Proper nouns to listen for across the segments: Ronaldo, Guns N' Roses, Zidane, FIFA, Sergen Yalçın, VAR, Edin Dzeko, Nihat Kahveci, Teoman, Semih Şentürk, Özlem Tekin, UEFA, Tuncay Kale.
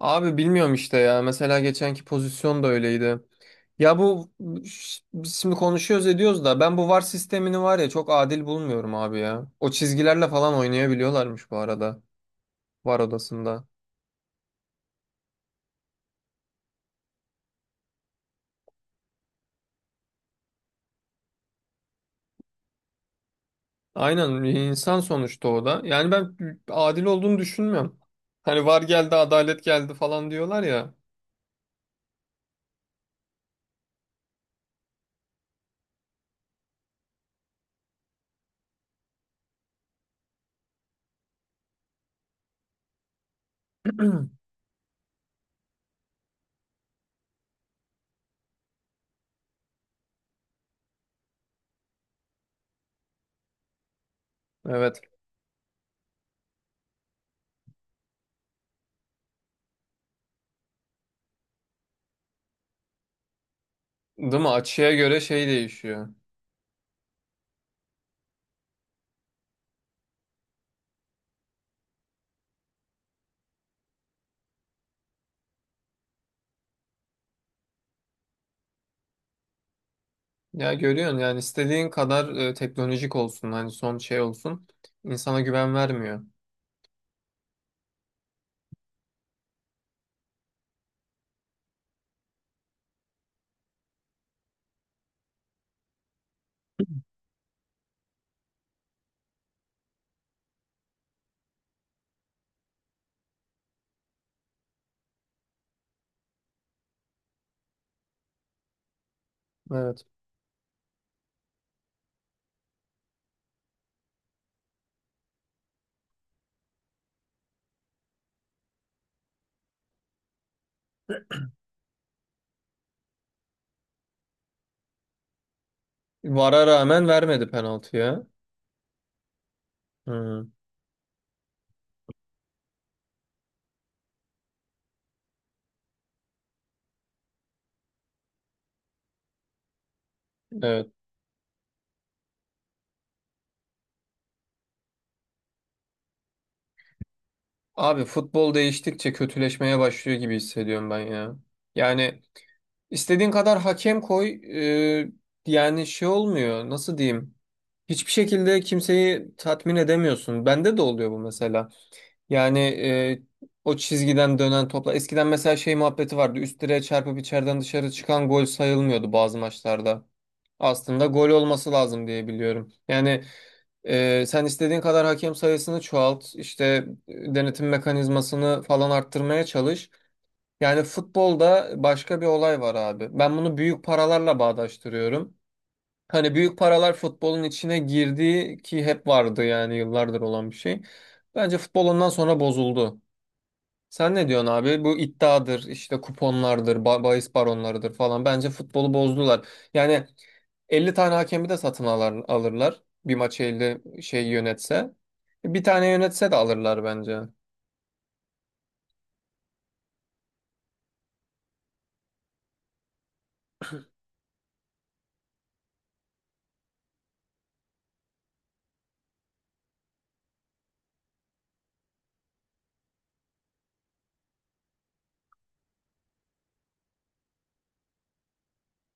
Abi bilmiyorum işte ya. Mesela geçenki pozisyon da öyleydi. Ya biz şimdi konuşuyoruz ediyoruz da ben bu VAR sistemini var ya çok adil bulmuyorum abi ya. O çizgilerle falan oynayabiliyorlarmış bu arada VAR odasında. Aynen, insan sonuçta o da. Yani ben adil olduğunu düşünmüyorum. Hani VAR geldi, adalet geldi falan diyorlar ya. Evet. Değil mi? Açıya göre şey değişiyor. Ya görüyorsun, yani istediğin kadar teknolojik olsun, hani son şey olsun, insana güven vermiyor. Evet. VAR'a rağmen vermedi penaltıya. Hı, evet. Abi futbol değiştikçe kötüleşmeye başlıyor gibi hissediyorum ben ya. Yani istediğin kadar hakem koy, e, yani şey olmuyor. Nasıl diyeyim? Hiçbir şekilde kimseyi tatmin edemiyorsun. Bende de oluyor bu mesela. Yani o çizgiden dönen topla. Eskiden mesela şey muhabbeti vardı. Üst direğe çarpıp içeriden dışarı çıkan gol sayılmıyordu bazı maçlarda. Aslında gol olması lazım diye biliyorum. Yani sen istediğin kadar hakem sayısını çoğalt, işte denetim mekanizmasını falan arttırmaya çalış. Yani futbolda başka bir olay var abi. Ben bunu büyük paralarla bağdaştırıyorum. Hani büyük paralar futbolun içine girdiği ki hep vardı, yani yıllardır olan bir şey. Bence futbol ondan sonra bozuldu. Sen ne diyorsun abi? Bu iddiadır, işte kuponlardır, bahis baronlarıdır falan. Bence futbolu bozdular. Yani 50 tane hakemi de satın alar, alırlar. Bir maçı 50 şey yönetse. Bir tane yönetse de alırlar bence.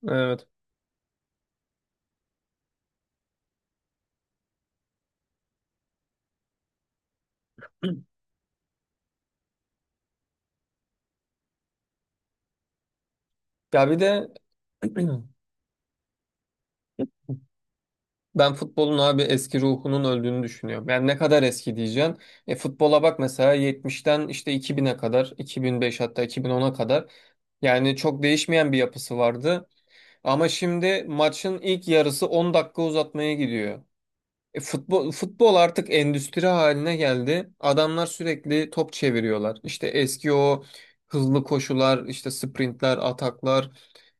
Evet. Ya bir de ben futbolun abi eski ruhunun öldüğünü düşünüyorum. Yani ne kadar eski diyeceksin. E, futbola bak mesela 70'ten işte 2000'e kadar, 2005, hatta 2010'a kadar. Yani çok değişmeyen bir yapısı vardı. Ama şimdi maçın ilk yarısı 10 dakika uzatmaya gidiyor. E, futbol artık endüstri haline geldi. Adamlar sürekli top çeviriyorlar. İşte eski o hızlı koşular, işte sprintler, ataklar,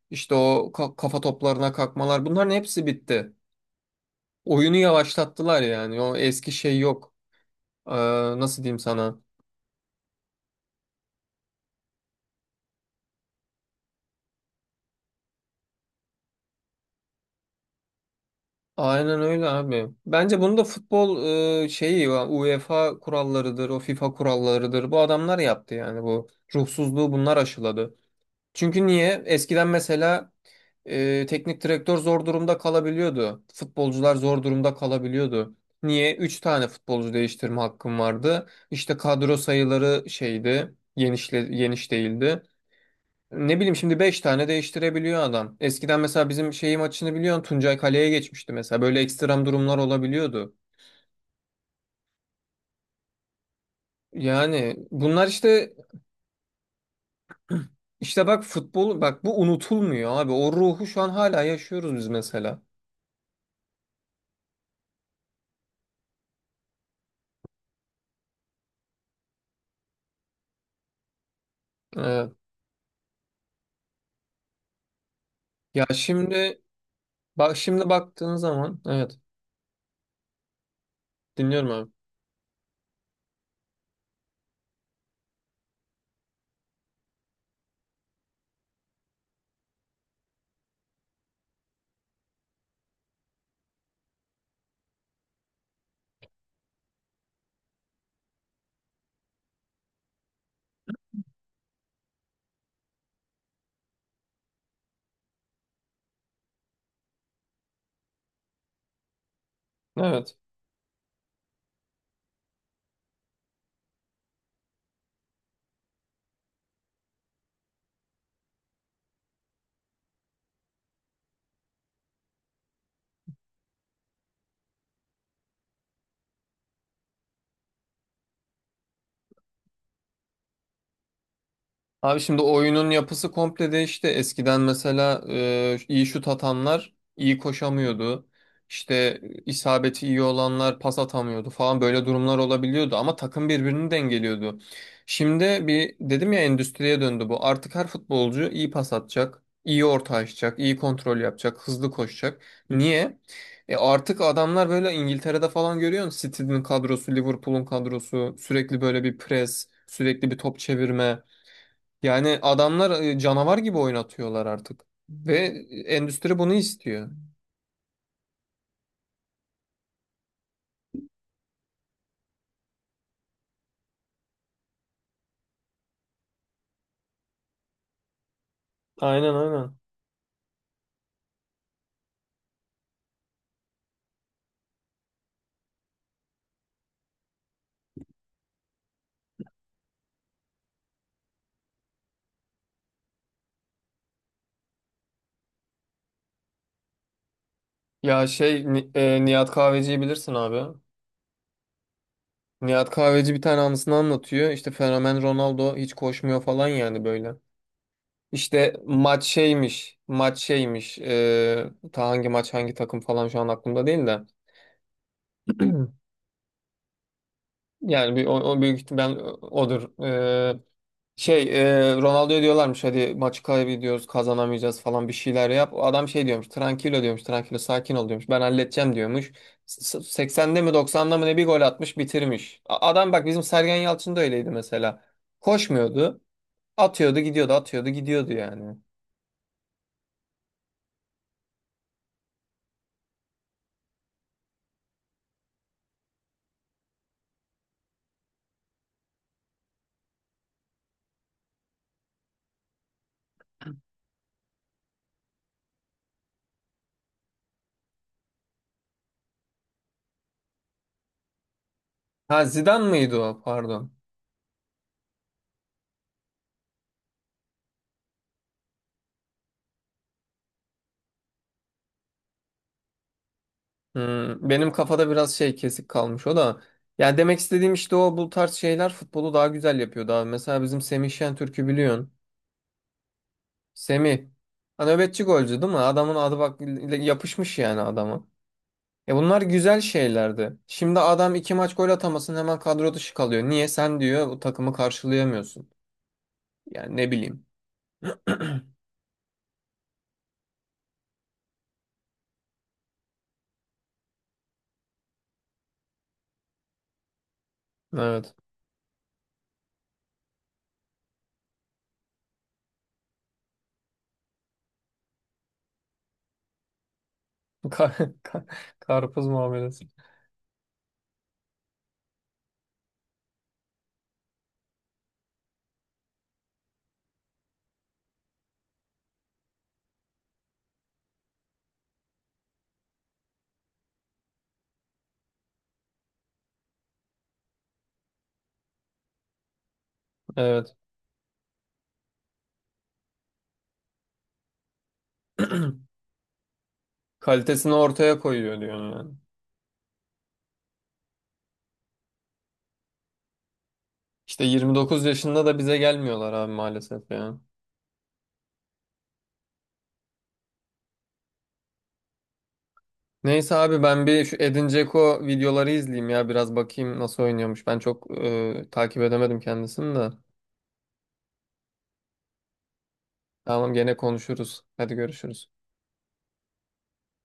işte o kafa toplarına kalkmalar, bunların hepsi bitti. Oyunu yavaşlattılar yani. O eski şey yok. Ee, Nasıl diyeyim sana? Aynen öyle abi. Bence bunu da futbol şeyi UEFA kurallarıdır, o FIFA kurallarıdır. Bu adamlar yaptı yani bu ruhsuzluğu bunlar aşıladı. Çünkü niye? Eskiden mesela teknik direktör zor durumda kalabiliyordu. Futbolcular zor durumda kalabiliyordu. Niye? 3 tane futbolcu değiştirme hakkım vardı. İşte kadro sayıları şeydi, genişle, geniş değildi. Ne bileyim, şimdi 5 tane değiştirebiliyor adam. Eskiden mesela bizim şeyi maçını biliyorsun, Tuncay Kale'ye geçmişti mesela. Böyle ekstrem durumlar olabiliyordu. Yani bunlar işte bak, futbol bak, bu unutulmuyor abi. O ruhu şu an hala yaşıyoruz biz mesela. Evet. Ya şimdi Bak, şimdi baktığın zaman, evet, dinliyorum abi. Evet. Abi şimdi oyunun yapısı komple değişti. Eskiden mesela iyi şut atanlar iyi koşamıyordu. İşte isabeti iyi olanlar pas atamıyordu falan, böyle durumlar olabiliyordu, ama takım birbirini dengeliyordu. Şimdi bir dedim ya, endüstriye döndü bu. Artık her futbolcu iyi pas atacak, iyi orta açacak, iyi kontrol yapacak, hızlı koşacak. Niye? E artık adamlar böyle, İngiltere'de falan görüyorsun. City'nin kadrosu, Liverpool'un kadrosu sürekli böyle bir pres, sürekli bir top çevirme. Yani adamlar canavar gibi oynatıyorlar artık. Ve endüstri bunu istiyor. Aynen, aynen. Ya Nihat Kahveci'yi bilirsin abi. Nihat Kahveci bir tane anısını anlatıyor. İşte fenomen Ronaldo hiç koşmuyor falan, yani böyle. İşte maç şeymiş. E, ta hangi maç hangi takım falan şu an aklımda değil de. Yani o büyük ihtimal odur. Şey Ronaldo'ya diyorlarmış hadi maçı kaybediyoruz, kazanamayacağız falan, bir şeyler yap. O adam şey diyormuş, tranquilo diyormuş, tranquilo, sakin ol diyormuş, ben halledeceğim diyormuş. 80'de mi 90'da mı ne bir gol atmış, bitirmiş. Adam bak, bizim Sergen Yalçın da öyleydi mesela. Koşmuyordu, atıyordu gidiyordu, atıyordu gidiyordu yani. Ha, Zidane mıydı o? Pardon. Benim kafada biraz şey kesik kalmış o da. Yani demek istediğim, işte o bu tarz şeyler futbolu daha güzel yapıyor, daha... Mesela bizim Semih Şentürk'ü biliyorsun. Semih. Ha, nöbetçi golcü değil mi? Adamın adı bak yapışmış yani adama. E bunlar güzel şeylerdi. Şimdi adam iki maç gol atamasın, hemen kadro dışı kalıyor. Niye? Sen, diyor, bu takımı karşılayamıyorsun. Yani ne bileyim. Evet. Kar, kar- Karpuz muamelesi. Evet. Kalitesini ortaya koyuyor diyorsun yani. İşte 29 yaşında da bize gelmiyorlar abi maalesef ya. Neyse abi, ben bir şu Edin Dzeko videoları izleyeyim ya, biraz bakayım nasıl oynuyormuş. Ben çok takip edemedim kendisini de. Tamam, gene konuşuruz. Hadi görüşürüz.